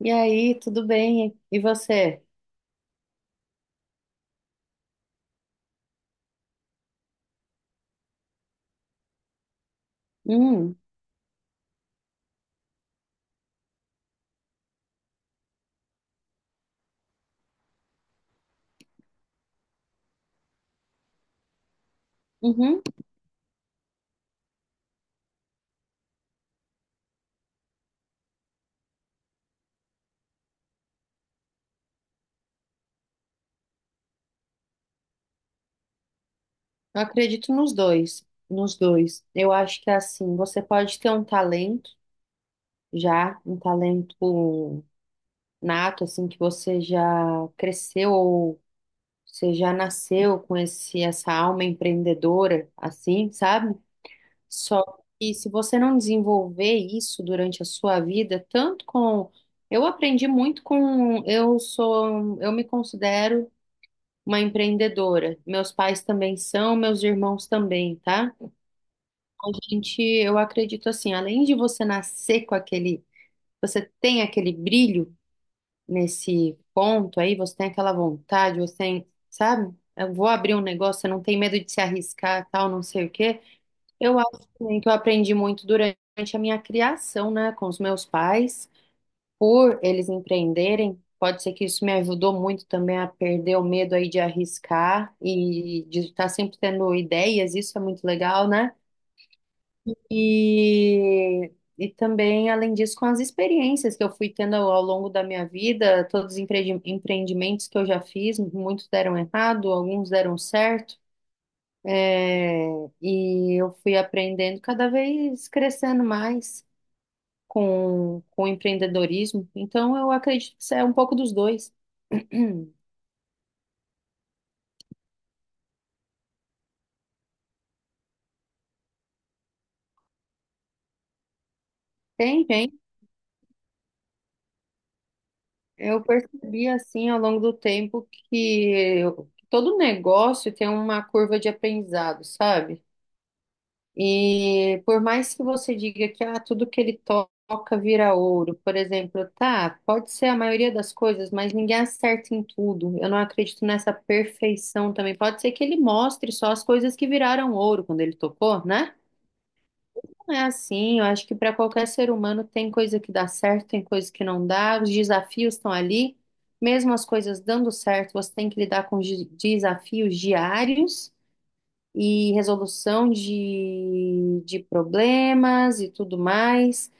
E aí, tudo bem? E você? Hum, uhum. Eu acredito nos dois, nos dois. Eu acho que assim, você pode ter um talento já, um talento nato, assim, que você já cresceu ou você já nasceu com essa alma empreendedora, assim, sabe? Só que se você não desenvolver isso durante a sua vida, tanto com. Eu aprendi muito com. Eu sou. Eu me considero uma empreendedora. Meus pais também são, meus irmãos também, tá? Então, eu acredito assim, além de você nascer com aquele, você tem aquele brilho nesse ponto aí, você tem aquela vontade, você tem, sabe? Eu vou abrir um negócio, você não tem medo de se arriscar, tal, não sei o quê. Eu acho também que eu aprendi muito durante a minha criação, né, com os meus pais por eles empreenderem, pode ser que isso me ajudou muito também a perder o medo aí de arriscar e de estar sempre tendo ideias, isso é muito legal, né? E, e também, além disso, com as experiências que eu fui tendo ao longo da minha vida, todos os empreendimentos que eu já fiz, muitos deram errado, alguns deram certo. É, e eu fui aprendendo cada vez crescendo mais com empreendedorismo. Então, eu acredito que isso é um pouco dos dois. Tem, tem. Eu percebi, assim, ao longo do tempo que todo negócio tem uma curva de aprendizado, sabe? E por mais que você diga que ah, tudo que ele toca vira ouro, por exemplo, tá, pode ser a maioria das coisas, mas ninguém acerta em tudo. Eu não acredito nessa perfeição também. Pode ser que ele mostre só as coisas que viraram ouro quando ele tocou, né? É assim, eu acho que para qualquer ser humano tem coisa que dá certo, tem coisa que não dá, os desafios estão ali, mesmo as coisas dando certo, você tem que lidar com desafios diários e resolução de problemas e tudo mais.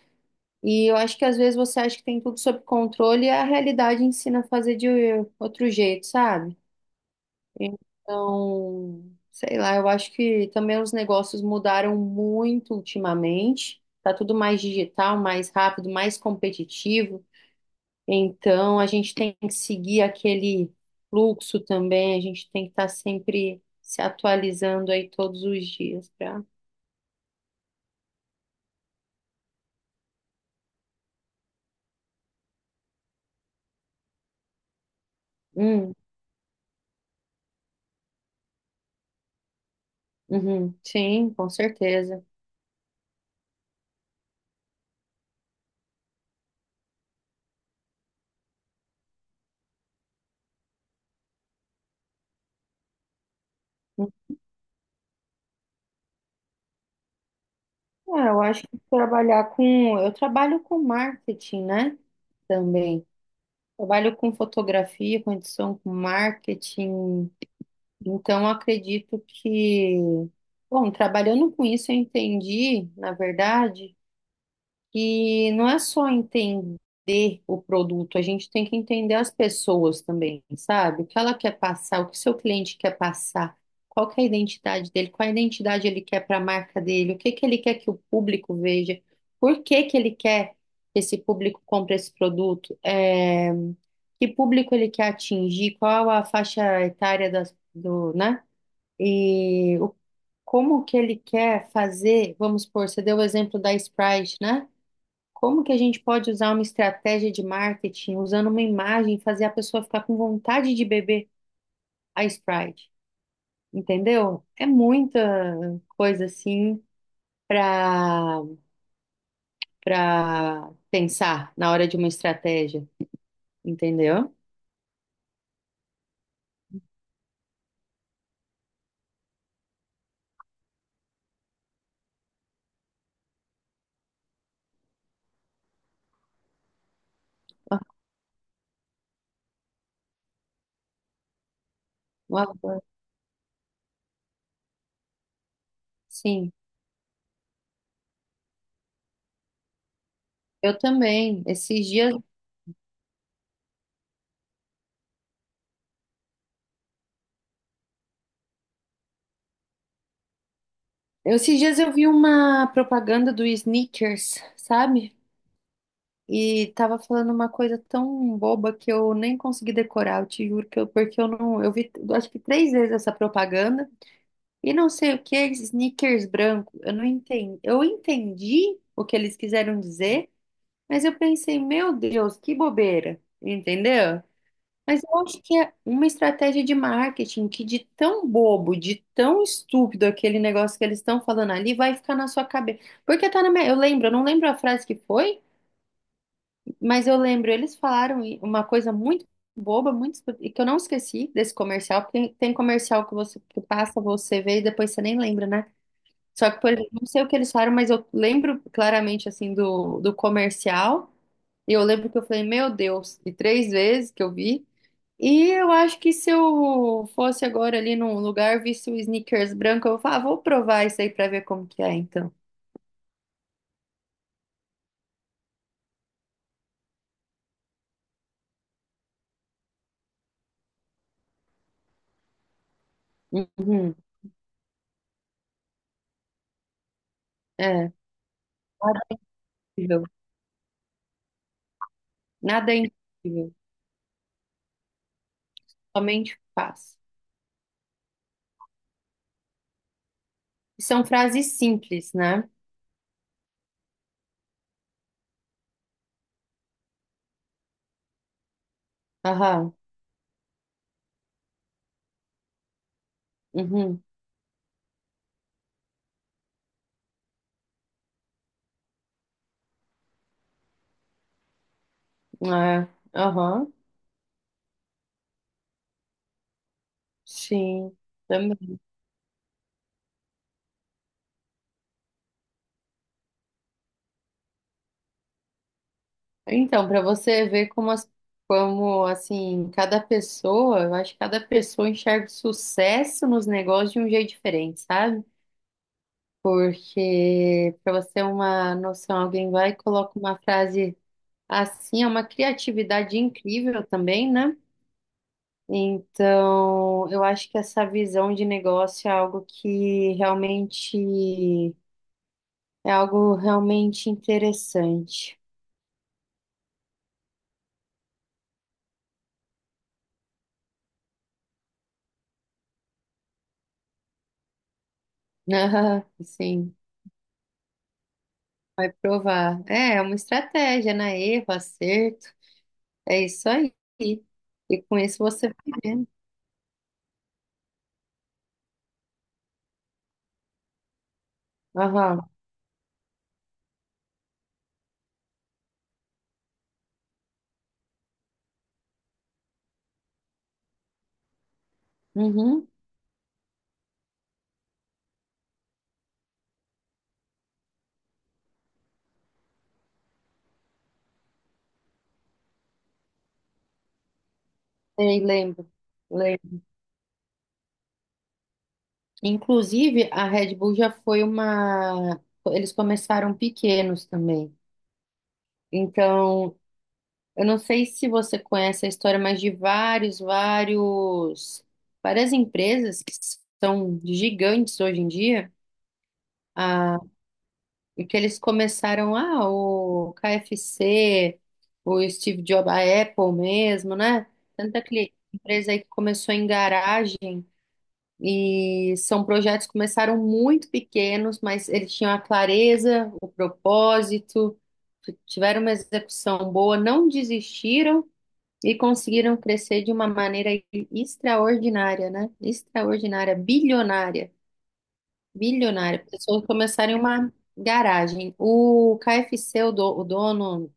E eu acho que às vezes você acha que tem tudo sob controle e a realidade ensina a fazer de outro jeito, sabe? Então, sei lá, eu acho que também os negócios mudaram muito ultimamente. Tá tudo mais digital, mais rápido, mais competitivo. Então, a gente tem que seguir aquele fluxo também. A gente tem que estar sempre se atualizando aí todos os dias para. Hum, uhum, sim, com certeza. Ah, eu acho que trabalhar com. Eu trabalho com marketing, né? Também. Trabalho com fotografia, com edição, com marketing. Então, acredito que, bom, trabalhando com isso, eu entendi, na verdade. E não é só entender o produto, a gente tem que entender as pessoas também, sabe? O que ela quer passar, o que seu cliente quer passar, qual que é a identidade dele, qual a identidade ele quer para a marca dele, o que que ele quer que o público veja, por que que ele quer que esse público compre esse produto, é, que público ele quer atingir, qual a faixa etária das, do, né? E o, como que ele quer fazer, vamos supor, você deu o exemplo da Sprite, né? Como que a gente pode usar uma estratégia de marketing usando uma imagem, fazer a pessoa ficar com vontade de beber a Sprite? Entendeu? É muita coisa assim para para pensar na hora de uma estratégia, entendeu? Uma- Sim, eu também. Esses dias, eu vi uma propaganda do Snickers, sabe? E tava falando uma coisa tão boba que eu nem consegui decorar, eu te juro que eu, porque eu não, eu vi, eu acho que três vezes essa propaganda e não sei o que, Snickers branco, eu não entendi, eu entendi o que eles quiseram dizer, mas eu pensei, meu Deus, que bobeira, entendeu? Mas eu acho que é uma estratégia de marketing que de tão bobo, de tão estúpido aquele negócio que eles estão falando ali, vai ficar na sua cabeça. Porque tá na minha, eu lembro, eu não lembro a frase que foi, mas eu lembro, eles falaram uma coisa muito boba, muito e que eu não esqueci desse comercial, porque tem, tem comercial que você que passa, você vê e depois você nem lembra, né? Só que, por exemplo, não sei o que eles falaram, mas eu lembro claramente assim do, comercial. E eu lembro que eu falei, meu Deus, e três vezes que eu vi. E eu acho que se eu fosse agora ali num lugar, visse o sneakers branco, eu falava, ah, vou provar isso aí pra ver como que é, então. Uhum, é, nada é impossível, nada é impossível, somente fácil. São frases simples, né? Aham. Uhum. É. Aham. Sim. Também. Então, para você ver como, as- como, assim, cada pessoa, eu acho que cada pessoa enxerga o sucesso nos negócios de um jeito diferente, sabe? Porque, para você ter uma noção, alguém vai e coloca uma frase assim, é uma criatividade incrível também, né? Então, eu acho que essa visão de negócio é algo que realmente É algo realmente interessante. Ah, sim, vai provar. É, é uma estratégia, na erro, acerto. É isso aí. E com isso você vai vendo. Aham. Uhum. Sei, lembro. Lembro. Inclusive, a Red Bull já foi uma. Eles começaram pequenos também. Então, eu não sei se você conhece a história, mas de vários, várias empresas que são gigantes hoje em dia. E que eles começaram, ah, o KFC, o Steve Jobs, a Apple mesmo, né? Tanta que empresa aí que começou em garagem e são projetos que começaram muito pequenos, mas eles tinham a clareza, o propósito, tiveram uma execução boa, não desistiram e conseguiram crescer de uma maneira extraordinária, né? Extraordinária, bilionária. Bilionário, pessoas começarem uma garagem. O KFC, o dono do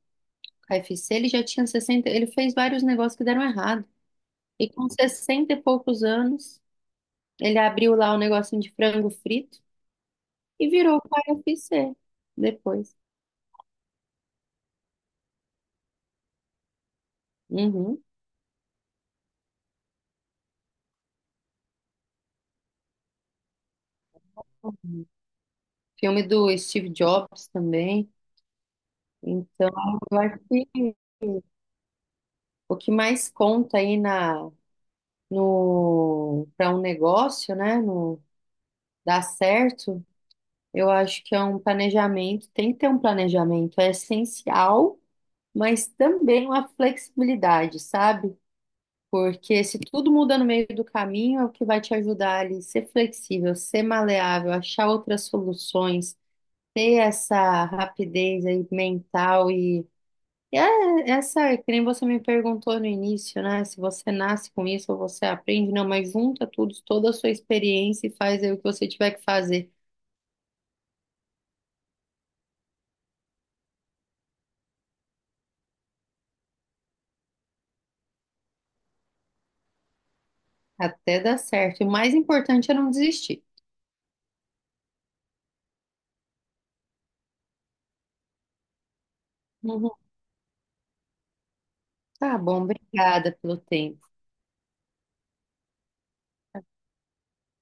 KFC, ele já tinha 60 ele fez vários negócios que deram errado. E com 60 e poucos anos, ele abriu lá um negocinho de frango frito e virou o KFC depois. Uhum. Filme do Steve Jobs também. Então, eu acho que o que mais conta aí na, no, para um negócio, né, no, dar certo, eu acho que é um planejamento, tem que ter um planejamento, é essencial, mas também uma flexibilidade, sabe? Porque se tudo muda no meio do caminho, é o que vai te ajudar ali ser flexível, ser maleável, achar outras soluções, ter essa rapidez aí mental e é essa, que nem você me perguntou no início, né? Se você nasce com isso ou você aprende, não, mas junta tudo, toda a sua experiência e faz aí o que você tiver que fazer. Até dar certo. O mais importante é não desistir. Uhum. Tá bom, obrigada pelo tempo.